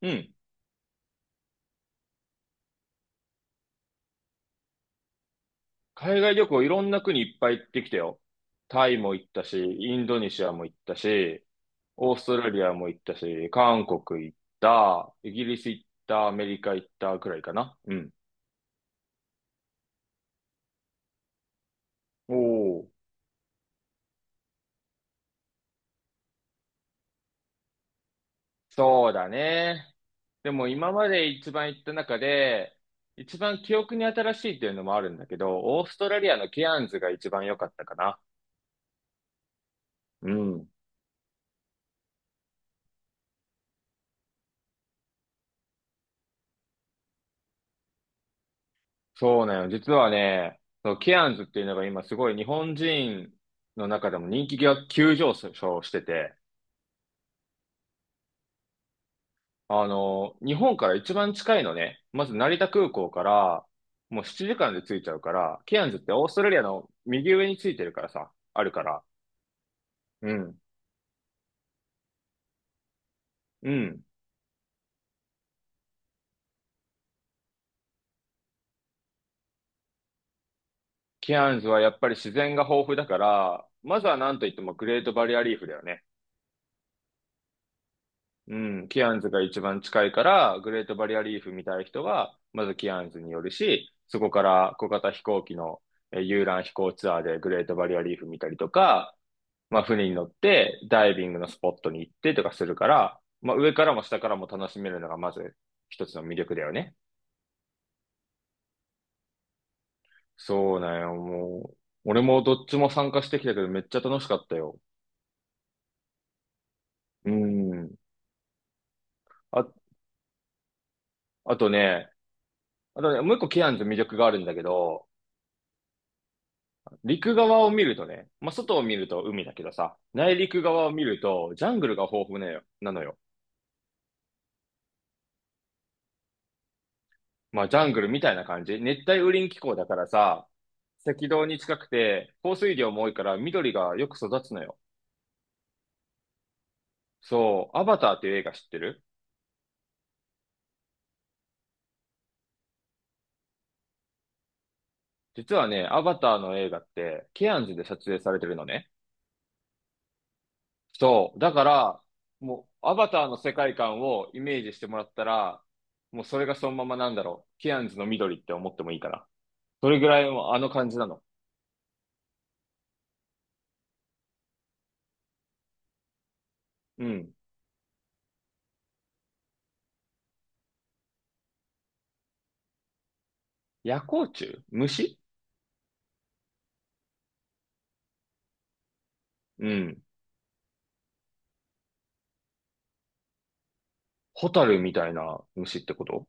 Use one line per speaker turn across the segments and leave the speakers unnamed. うん。海外旅行いろんな国いっぱい行ってきたよ。タイも行ったし、インドネシアも行ったし、オーストラリアも行ったし、韓国行った、イギリス行った、アメリカ行ったくらいかな。うん。おお、そうだね。でも今まで一番行った中で、一番記憶に新しいっていうのもあるんだけど、オーストラリアのケアンズが一番良かったかな。うん。そうなの。実はね、そう、ケアンズっていうのが今すごい日本人の中でも人気が急上昇してて、あの、日本から一番近いのね、まず成田空港からもう7時間で着いちゃうから、ケアンズってオーストラリアの右上についてるからさ、あるから。うん。うん。ケアンズはやっぱり自然が豊富だから、まずはなんといってもグレートバリアリーフだよね。うん、キアンズが一番近いから、グレートバリアリーフ見たい人は、まずキアンズに寄るし、そこから小型飛行機の遊覧飛行ツアーでグレートバリアリーフ見たりとか、まあ船に乗ってダイビングのスポットに行ってとかするから、まあ上からも下からも楽しめるのがまず一つの魅力だよね。そうなんよ、もう。俺もどっちも参加してきたけどめっちゃ楽しかったよ。うん。あ、あとね、あとね、もう一個キアンズ魅力があるんだけど、陸側を見るとね、まあ、外を見ると海だけどさ、内陸側を見るとジャングルが豊富なよなのよ。まあ、ジャングルみたいな感じ。熱帯雨林気候だからさ、赤道に近くて、降水量も多いから緑がよく育つのよ。そう、アバターっていう映画知ってる？実はね、アバターの映画って、ケアンズで撮影されてるのね。そう、だから、もう、アバターの世界観をイメージしてもらったら、もうそれがそのままなんだろう。ケアンズの緑って思ってもいいから。それぐらいもあの感じなの。うん。夜光虫虫？うん。ホタルみたいな虫ってこと？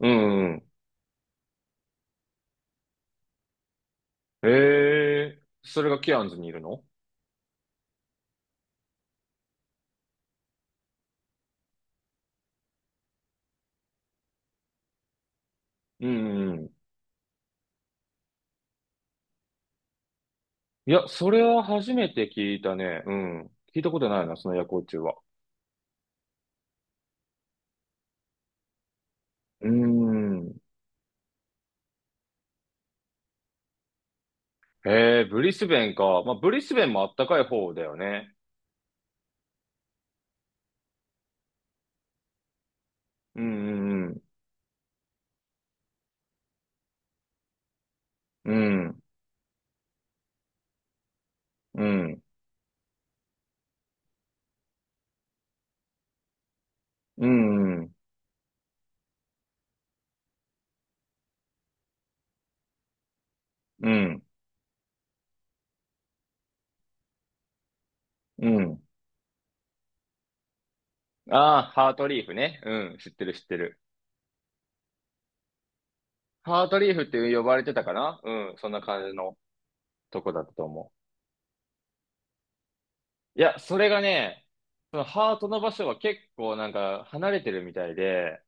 うんうん。ええーそれがケアンズにいるの？うんうん。いや、それは初めて聞いたね。うん。聞いたことないな、その夜光虫は。うーん。へえ、ブリスベンか。まあ、ブリスベンもあったかい方だよね。うんうんうん。うんうん。うんうん。うん。ああ、ハートリーフね。うん。知ってる知ってる。ハートリーフって呼ばれてたかな？うん。そんな感じの。とこだったと思う。いや、それがね、そのハートの場所は結構なんか離れてるみたいで、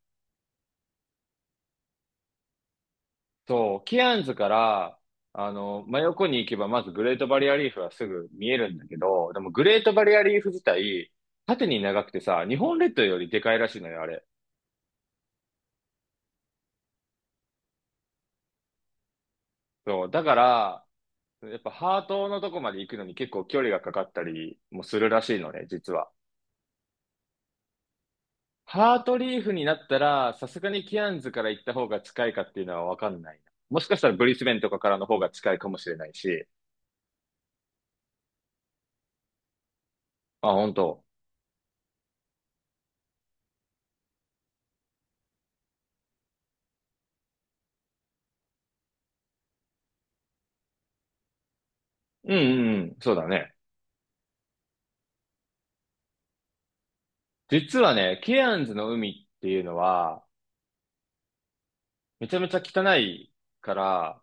そう、ケアンズから、あの、真横に行けばまずグレートバリアリーフはすぐ見えるんだけど、でもグレートバリアリーフ自体、縦に長くてさ、日本列島よりでかいらしいのよ、あれ。そう、だから、やっぱハートのとこまで行くのに結構距離がかかったりもするらしいのね、実は。ハートリーフになったら、さすがにケアンズから行った方が近いかっていうのはわかんないな。もしかしたらブリスベンとかからの方が近いかもしれないし。あ、本当。うんうんうん。そうだね。実はね、ケアンズの海っていうのは、めちゃめちゃ汚いから、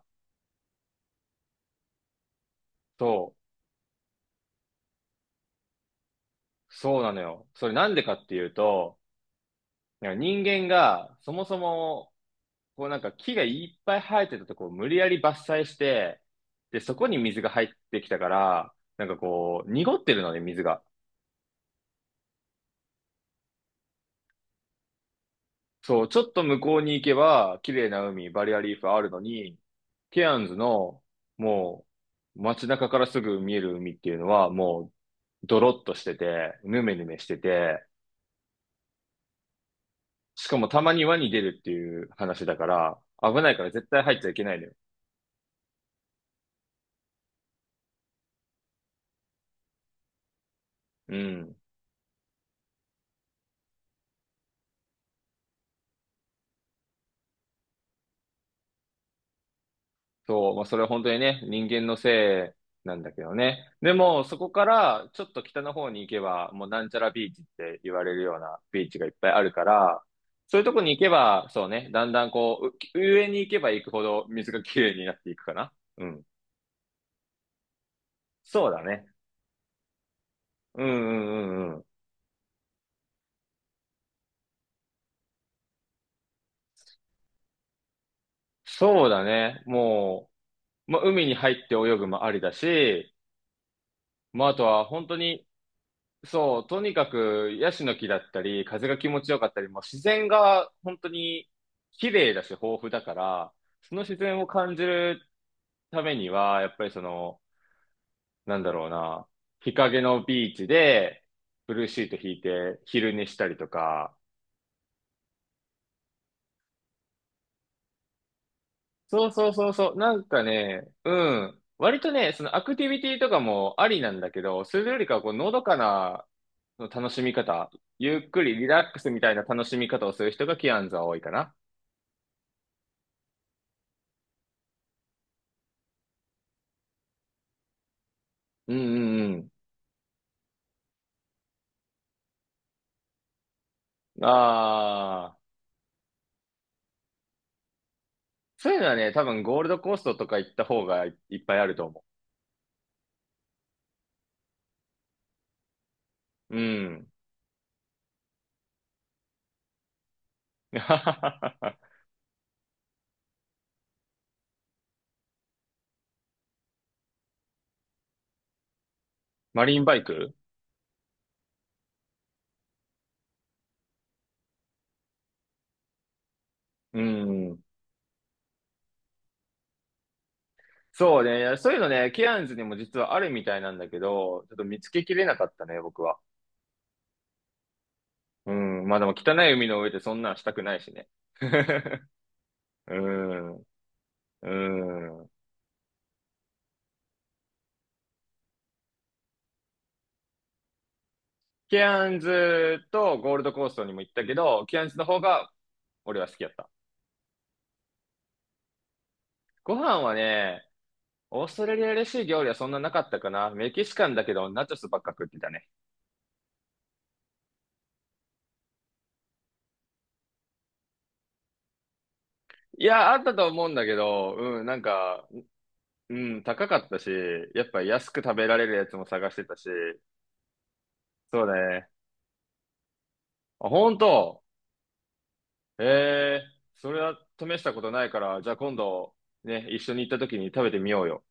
そそうなのよ。それなんでかっていうと、なんか人間がそもそも、こうなんか木がいっぱい生えてたとこを無理やり伐採して、で、そこに水が入ってきたから、なんかこう、濁ってるのね、水が。そう、ちょっと向こうに行けば、綺麗な海、バリアリーフあるのに、ケアンズの、もう、街中からすぐ見える海っていうのは、もう、ドロッとしてて、ヌメヌメしてて、しかもたまに輪に出るっていう話だから、危ないから絶対入っちゃいけないのよ。うん。そう、まあ、それは本当にね、人間のせいなんだけどね。でも、そこからちょっと北の方に行けば、もうなんちゃらビーチって言われるようなビーチがいっぱいあるから、そういうとこに行けば、そうね、だんだんこう、う上に行けば行くほど水がきれいになっていくかな。うん。そうだね。うんうんうんうん。そうだね。もう、まあ、海に入って泳ぐもありだし、まあ、あとは本当にそう、とにかくヤシの木だったり、風が気持ちよかったり、もう自然が本当に綺麗だし豊富だから、その自然を感じるためには、やっぱりその、なんだろうな、日陰のビーチで、ブルーシート引いて昼寝したりとか、そうそうそうそう、なんかね、うん、割とね、そのアクティビティとかもありなんだけど、それよりかはこう、のどかなその楽しみ方、ゆっくりリラックスみたいな楽しみ方をする人がキアンズは多いかな。うんうんうん。ああ、そういうのはね、多分ゴールドコーストとか行った方がいっぱいあると思う。うん。マリンバイク？うん。そうね、そういうのね、ケアンズにも実はあるみたいなんだけど、ちょっと見つけきれなかったね、僕は。うん。まあでも汚い海の上でそんなんしたくないしね。うん。うん。ケアンズとゴールドコーストにも行ったけど、ケアンズの方が俺は好きやった。ご飯はね、オーストラリアらしい料理はそんななかったかな。メキシカンだけど、ナチョスばっか食ってたね。いや、あったと思うんだけど、うん、なんか、うん、高かったし、やっぱ安く食べられるやつも探してたし、そうね。あ、本当？ええーそれは試したことないから、じゃあ今度、ね、一緒に行った時に食べてみようよ。